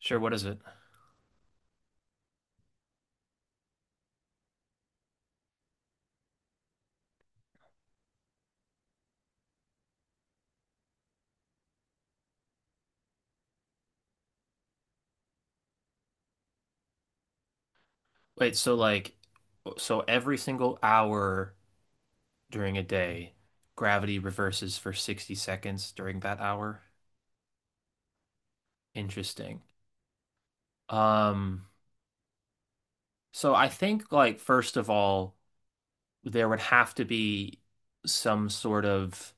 Sure, what is it? Wait, so like, so every single hour during a day, gravity reverses for 60 seconds during that hour? Interesting. Um, so I think like first of all, there would have to be some sort of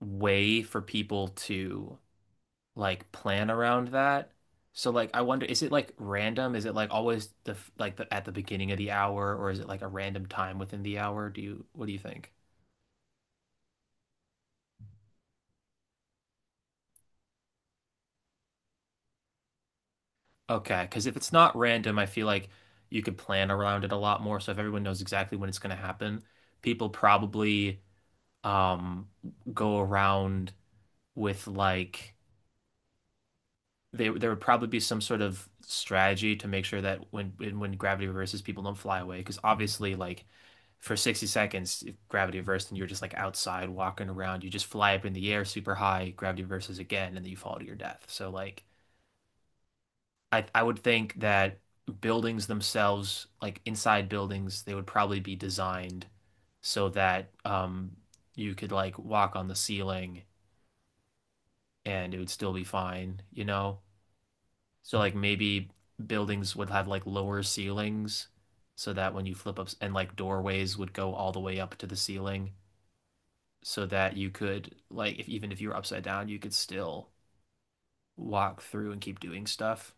way for people to like plan around that. So like I wonder, is it like random? Is it like always like the at the beginning of the hour, or is it like a random time within the hour? Do you What do you think? Okay, because if it's not random, I feel like you could plan around it a lot more. So if everyone knows exactly when it's going to happen, people probably um go around with like they there would probably be some sort of strategy to make sure that when gravity reverses, people don't fly away. Because obviously, like for 60 seconds, if gravity reversed and you're just like outside walking around, you just fly up in the air super high, gravity reverses again, and then you fall to your death. So like I would think that buildings themselves, like inside buildings, they would probably be designed so that you could like walk on the ceiling and it would still be fine, you know? So like maybe buildings would have like lower ceilings so that when you flip up and like doorways would go all the way up to the ceiling so that you could like if even if you were upside down you could still walk through and keep doing stuff.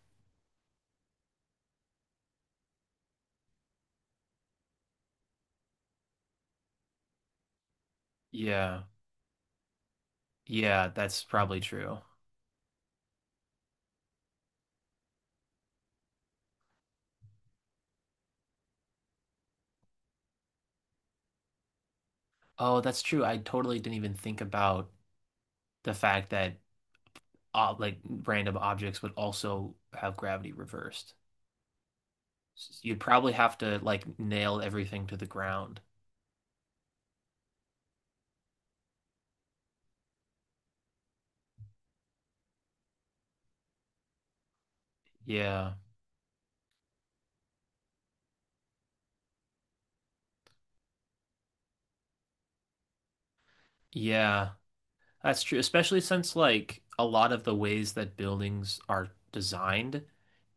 Yeah. Yeah, that's probably true. Oh, that's true. I totally didn't even think about the fact that like random objects would also have gravity reversed. You'd probably have to like nail everything to the ground. Yeah. Yeah. That's true, especially since like a lot of the ways that buildings are designed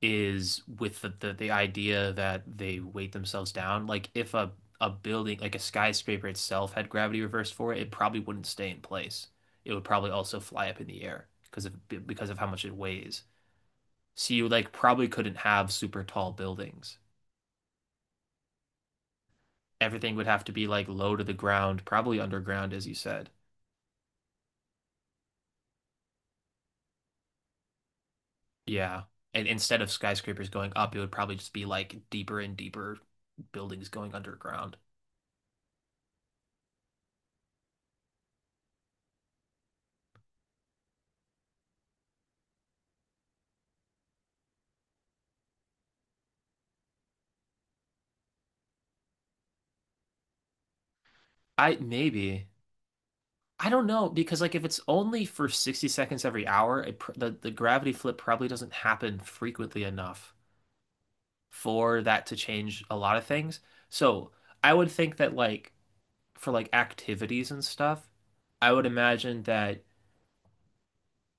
is with the idea that they weight themselves down. Like if a building, like a skyscraper itself had gravity reversed for it, it probably wouldn't stay in place. It would probably also fly up in the air because of how much it weighs. So you like probably couldn't have super tall buildings. Everything would have to be like low to the ground, probably underground, as you said. Yeah. And instead of skyscrapers going up, it would probably just be like deeper and deeper buildings going underground. I maybe I don't know because like if it's only for 60 seconds every hour, it pr the gravity flip probably doesn't happen frequently enough for that to change a lot of things. So, I would think that like for like activities and stuff, I would imagine that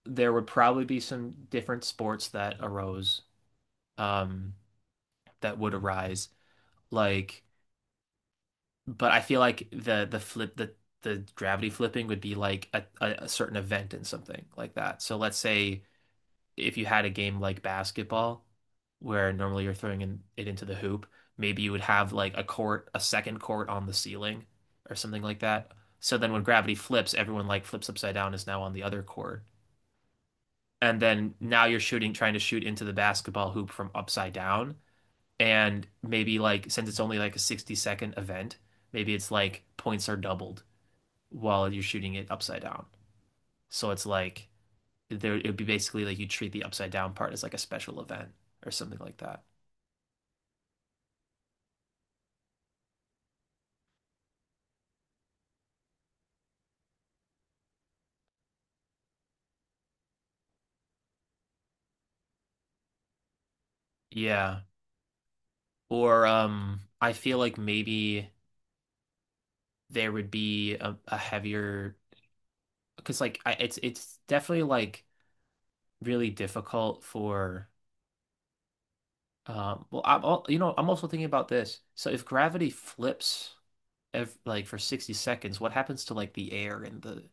there would probably be some different sports um that would arise like but I feel like the gravity flipping would be like a certain event and something like that. So let's say if you had a game like basketball, where normally you're throwing it into the hoop, maybe you would have like a court, a second court on the ceiling or something like that. So then when gravity flips, everyone like flips upside down is now on the other court. And then now you're shooting, trying to shoot into the basketball hoop from upside down. And maybe like since it's only like a 60-second event, maybe it's like points are doubled while you're shooting it upside down. So it's like there it would be basically like you treat the upside down part as like a special event or something like that. Yeah. Or I feel like maybe there would be a heavier because like I, it's definitely like really difficult for well I'm all, you know I'm also thinking about this. So if gravity flips ev like for 60 seconds, what happens to like the air in the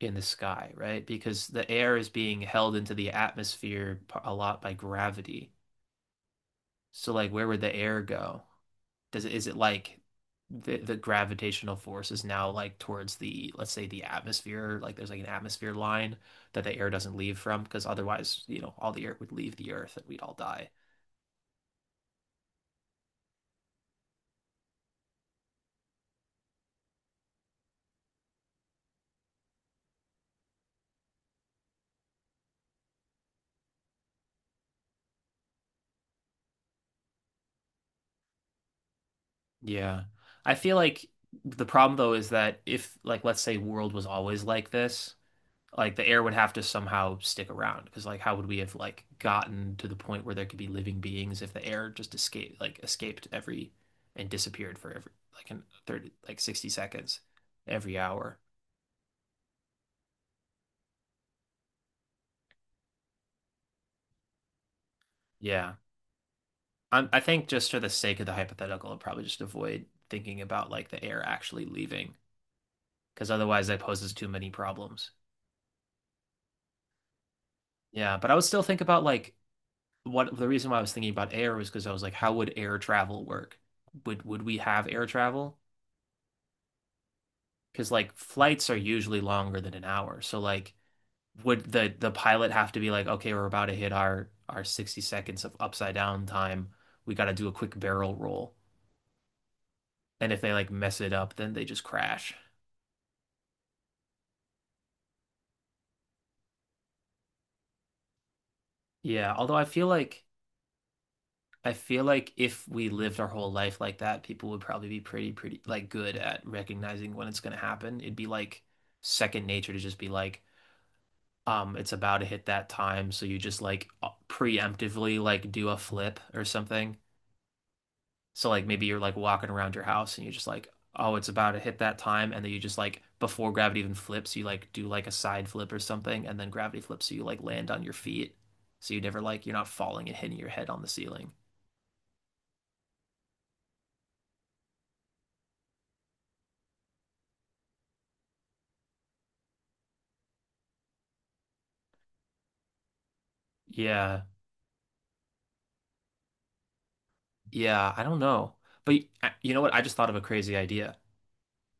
in the sky, right? Because the air is being held into the atmosphere a lot by gravity. So like where would the air go? Does it Is it like the gravitational force is now like towards the let's say the atmosphere, like there's like an atmosphere line that the air doesn't leave from because otherwise, all the air would leave the earth and we'd all die. Yeah. I feel like the problem though is that if like let's say world was always like this, like the air would have to somehow stick around because like how would we have like gotten to the point where there could be living beings if the air just escaped every and disappeared for every like in 30 like 60 seconds every hour. Yeah, I think just for the sake of the hypothetical I will probably just avoid thinking about like the air actually leaving because otherwise that poses too many problems. Yeah, but I would still think about like what the reason why I was thinking about air was because I was like how would air travel work would we have air travel? Because like flights are usually longer than an hour. So like would the pilot have to be like, okay, we're about to hit our 60 seconds of upside down time. We got to do a quick barrel roll. And if they like mess it up, then they just crash. Yeah, although I feel like if we lived our whole life like that, people would probably be pretty like good at recognizing when it's going to happen. It'd be like second nature to just be like, it's about to hit that time, so you just like preemptively like do a flip or something. So like maybe you're like walking around your house and you just like, oh, it's about to hit that time, and then you just like before gravity even flips, you like do like a side flip or something, and then gravity flips, so you like land on your feet. So you never like you're not falling and hitting your head on the ceiling. Yeah. Yeah, I don't know. But you know what? I just thought of a crazy idea.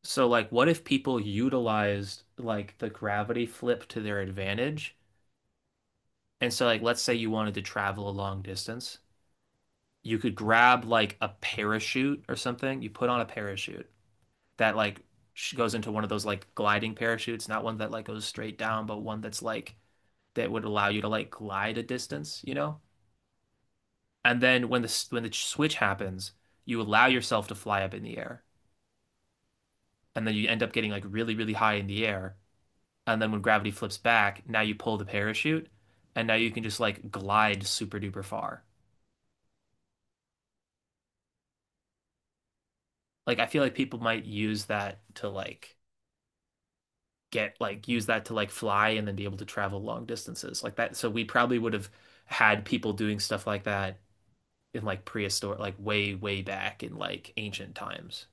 So like what if people utilized like the gravity flip to their advantage? And so like let's say you wanted to travel a long distance. You could grab like a parachute or something. You put on a parachute that like goes into one of those like gliding parachutes, not one that like goes straight down, but one that's like that would allow you to like glide a distance, you know? And then when the switch happens, you allow yourself to fly up in the air, and then you end up getting like really really high in the air. And then when gravity flips back, now you pull the parachute, and now you can just like glide super duper far. Like I feel like people might use that to like get like use that to like fly and then be able to travel long distances like that. So we probably would have had people doing stuff like that in like prehistoric, like way, way back in like ancient times.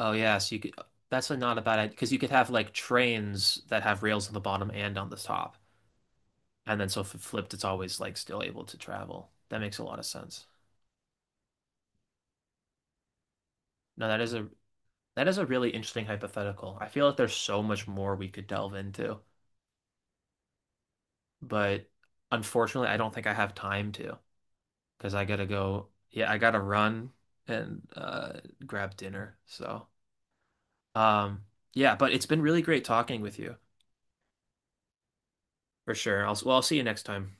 Oh yeah, so you could that's a not a bad idea because you could have like trains that have rails on the bottom and on the top, and then so if it flipped, it's always like still able to travel. That makes a lot of sense. No, that is a really interesting hypothetical. I feel like there's so much more we could delve into, but unfortunately, I don't think I have time to. Because I gotta go. Yeah, I gotta run and grab dinner. So, um, yeah, but it's been really great talking with you. For sure. Well, I'll see you next time.